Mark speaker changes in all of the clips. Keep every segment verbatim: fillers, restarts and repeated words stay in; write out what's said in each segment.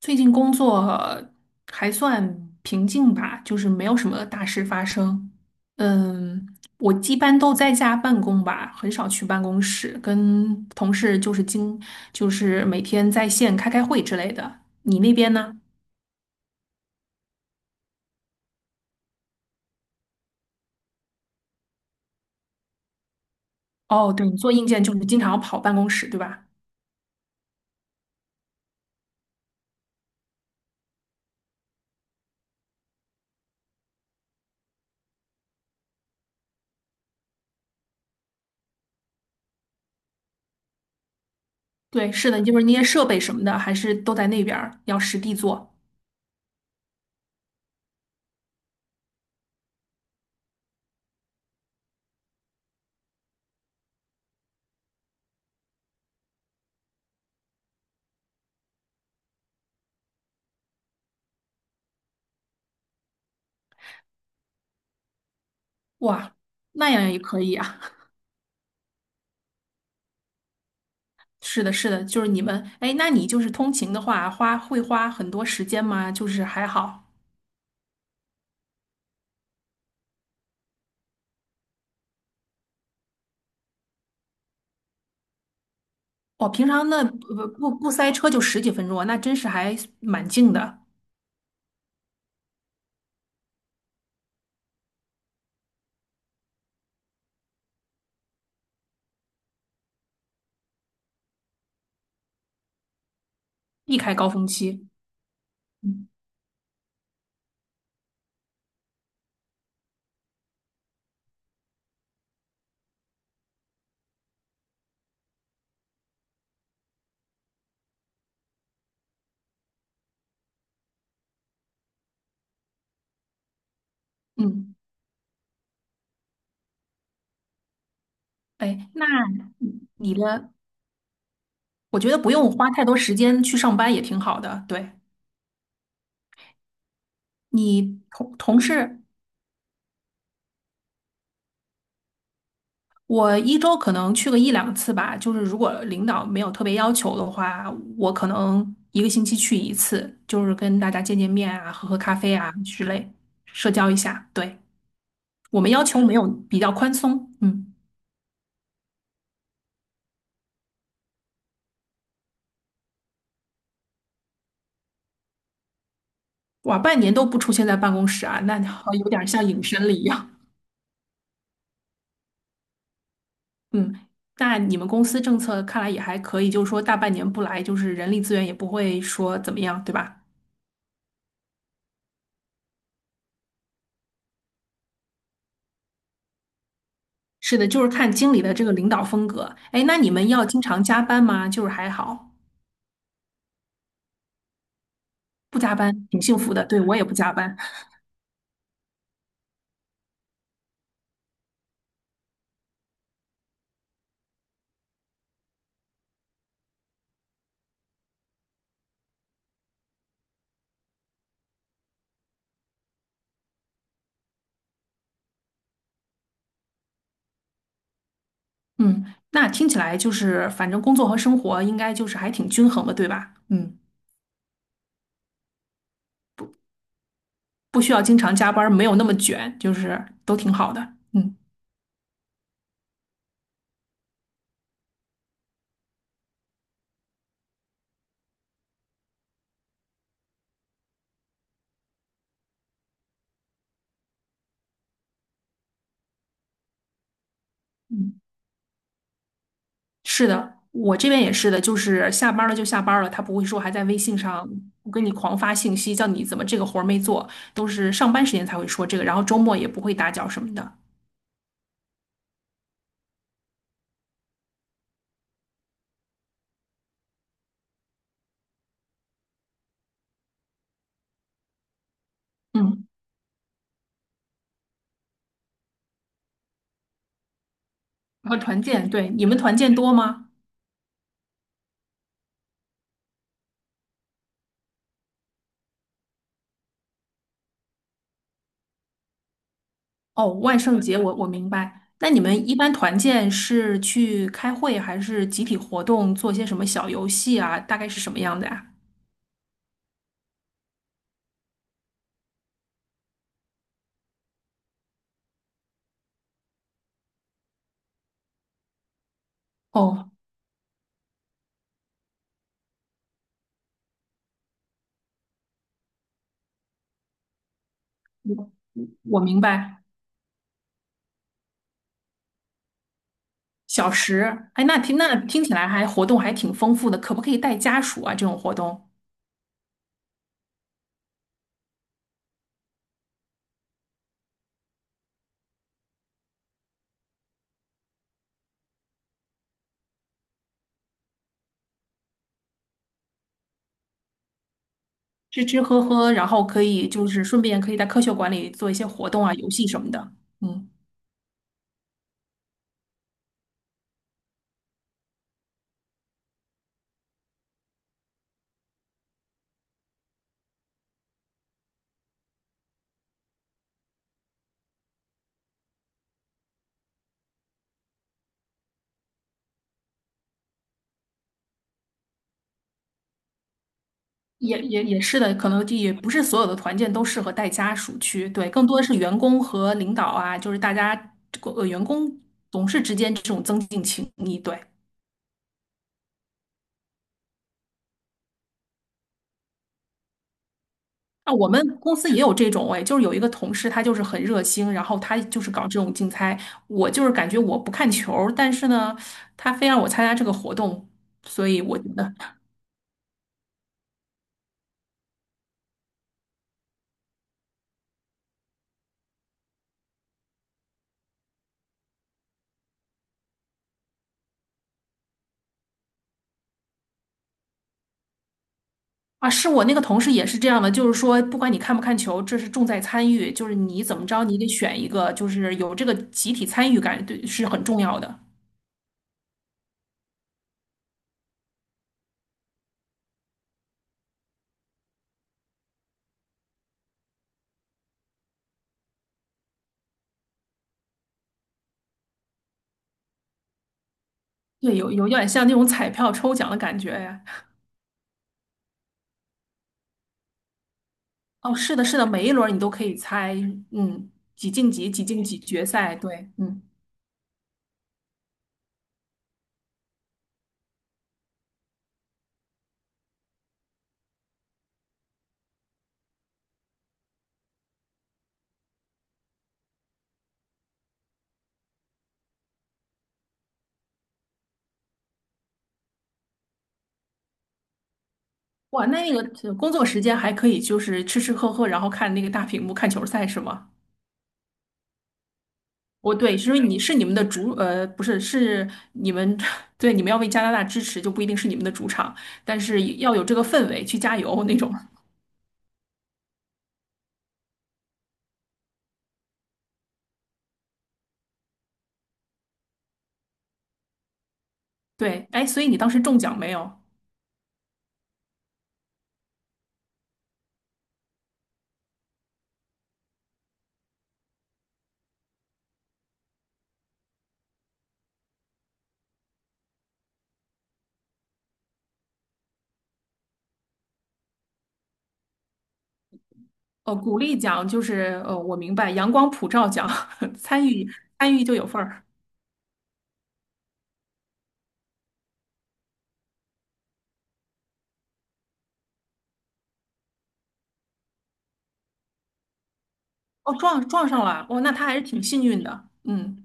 Speaker 1: 最近工作还算平静吧，就是没有什么大事发生。嗯，我一般都在家办公吧，很少去办公室，跟同事就是经就是每天在线开开会之类的。你那边呢？哦，对，你做硬件就是经常要跑办公室，对吧？对，是的，就是那些设备什么的，还是都在那边儿，要实地做。哇，那样也可以啊。是的，是的，就是你们，哎，那你就是通勤的话，花会花很多时间吗？就是还好，我平常那不不不塞车就十几分钟啊，那真是还蛮近的，避开高峰期。嗯嗯，哎，那你的，我觉得不用花太多时间去上班也挺好的。对，你同同事，我一周可能去个一两次吧，就是如果领导没有特别要求的话，我可能一个星期去一次，就是跟大家见见面啊，喝喝咖啡啊之类，社交一下。对，我们要求没有比较宽松，嗯，哇，半年都不出现在办公室啊，那好有点像隐身了一样，嗯。那你们公司政策看来也还可以，就是说大半年不来，就是人力资源也不会说怎么样，对吧？是的，就是看经理的这个领导风格。哎，那你们要经常加班吗？就是还好。不加班，挺幸福的。对，我也不加班。嗯，那听起来就是，反正工作和生活应该就是还挺均衡的，对吧？嗯，不需要经常加班，没有那么卷，就是都挺好的。嗯嗯，是的，我这边也是的，就是下班了就下班了，他不会说还在微信上我跟你狂发信息，叫你怎么这个活儿没做，都是上班时间才会说这个，然后周末也不会打搅什么的。嗯，然后团建，对，你们团建多吗？哦，万圣节我我明白。那你们一般团建是去开会，还是集体活动，做些什么小游戏啊？大概是什么样的呀？哦，我明白。小时，哎，那听那听起来还活动还挺丰富的，可不可以带家属啊？这种活动吃吃喝喝，然后可以就是顺便可以在科学馆里做一些活动啊、游戏什么的。嗯。也也也是的，可能也不是所有的团建都适合带家属去，对，更多的是员工和领导啊，就是大家呃员工同事之间这种增进情谊，对。那我们公司也有这种哎，就是有一个同事，他就是很热心，然后他就是搞这种竞猜。我就是感觉我不看球儿但是呢，他非让我参加这个活动，所以我觉得啊，是我那个同事也是这样的，就是说，不管你看不看球，这是重在参与，就是你怎么着，你得选一个，就是有这个集体参与感，对，是很重要的。对，有有点像那种彩票抽奖的感觉呀。哦，是的，是的，每一轮你都可以猜，嗯，几进几，几进几决赛，对，嗯，哇，那个呃工作时间还可以，就是吃吃喝喝，然后看那个大屏幕看球赛是吗？我对，是因为你是你们的主，呃，不是，是你们，对，你们要为加拿大支持，就不一定是你们的主场，但是要有这个氛围去加油那种。对，哎，所以你当时中奖没有？哦，鼓励奖就是，呃，我明白，阳光普照奖，参与参与就有份儿。哦，撞撞上了，哦，那他还是挺幸运的。嗯，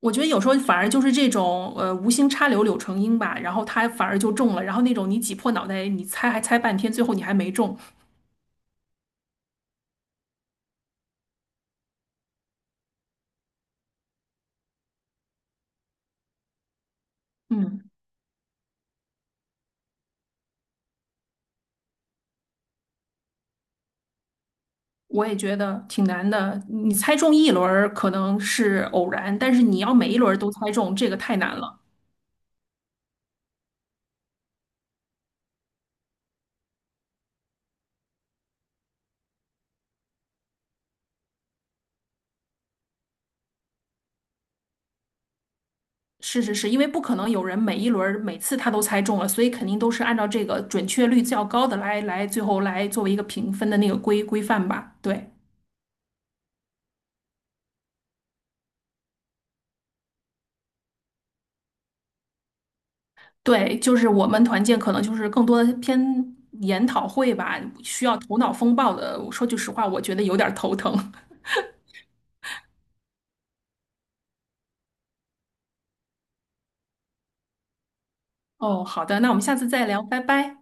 Speaker 1: 我觉得有时候反而就是这种，呃，无心插柳柳成荫吧，然后他反而就中了，然后那种你挤破脑袋你猜还猜半天，最后你还没中。嗯。我也觉得挺难的。你猜中一轮儿可能是偶然，但是你要每一轮儿都猜中，这个太难了。是是是，因为不可能有人每一轮儿每次他都猜中了，所以肯定都是按照这个准确率较高的来来最后来作为一个评分的那个规规范吧。对对，就是我们团建可能就是更多的偏研讨会吧，需要头脑风暴的。说句实话，我觉得有点儿头疼。哦，好的，那我们下次再聊，拜拜。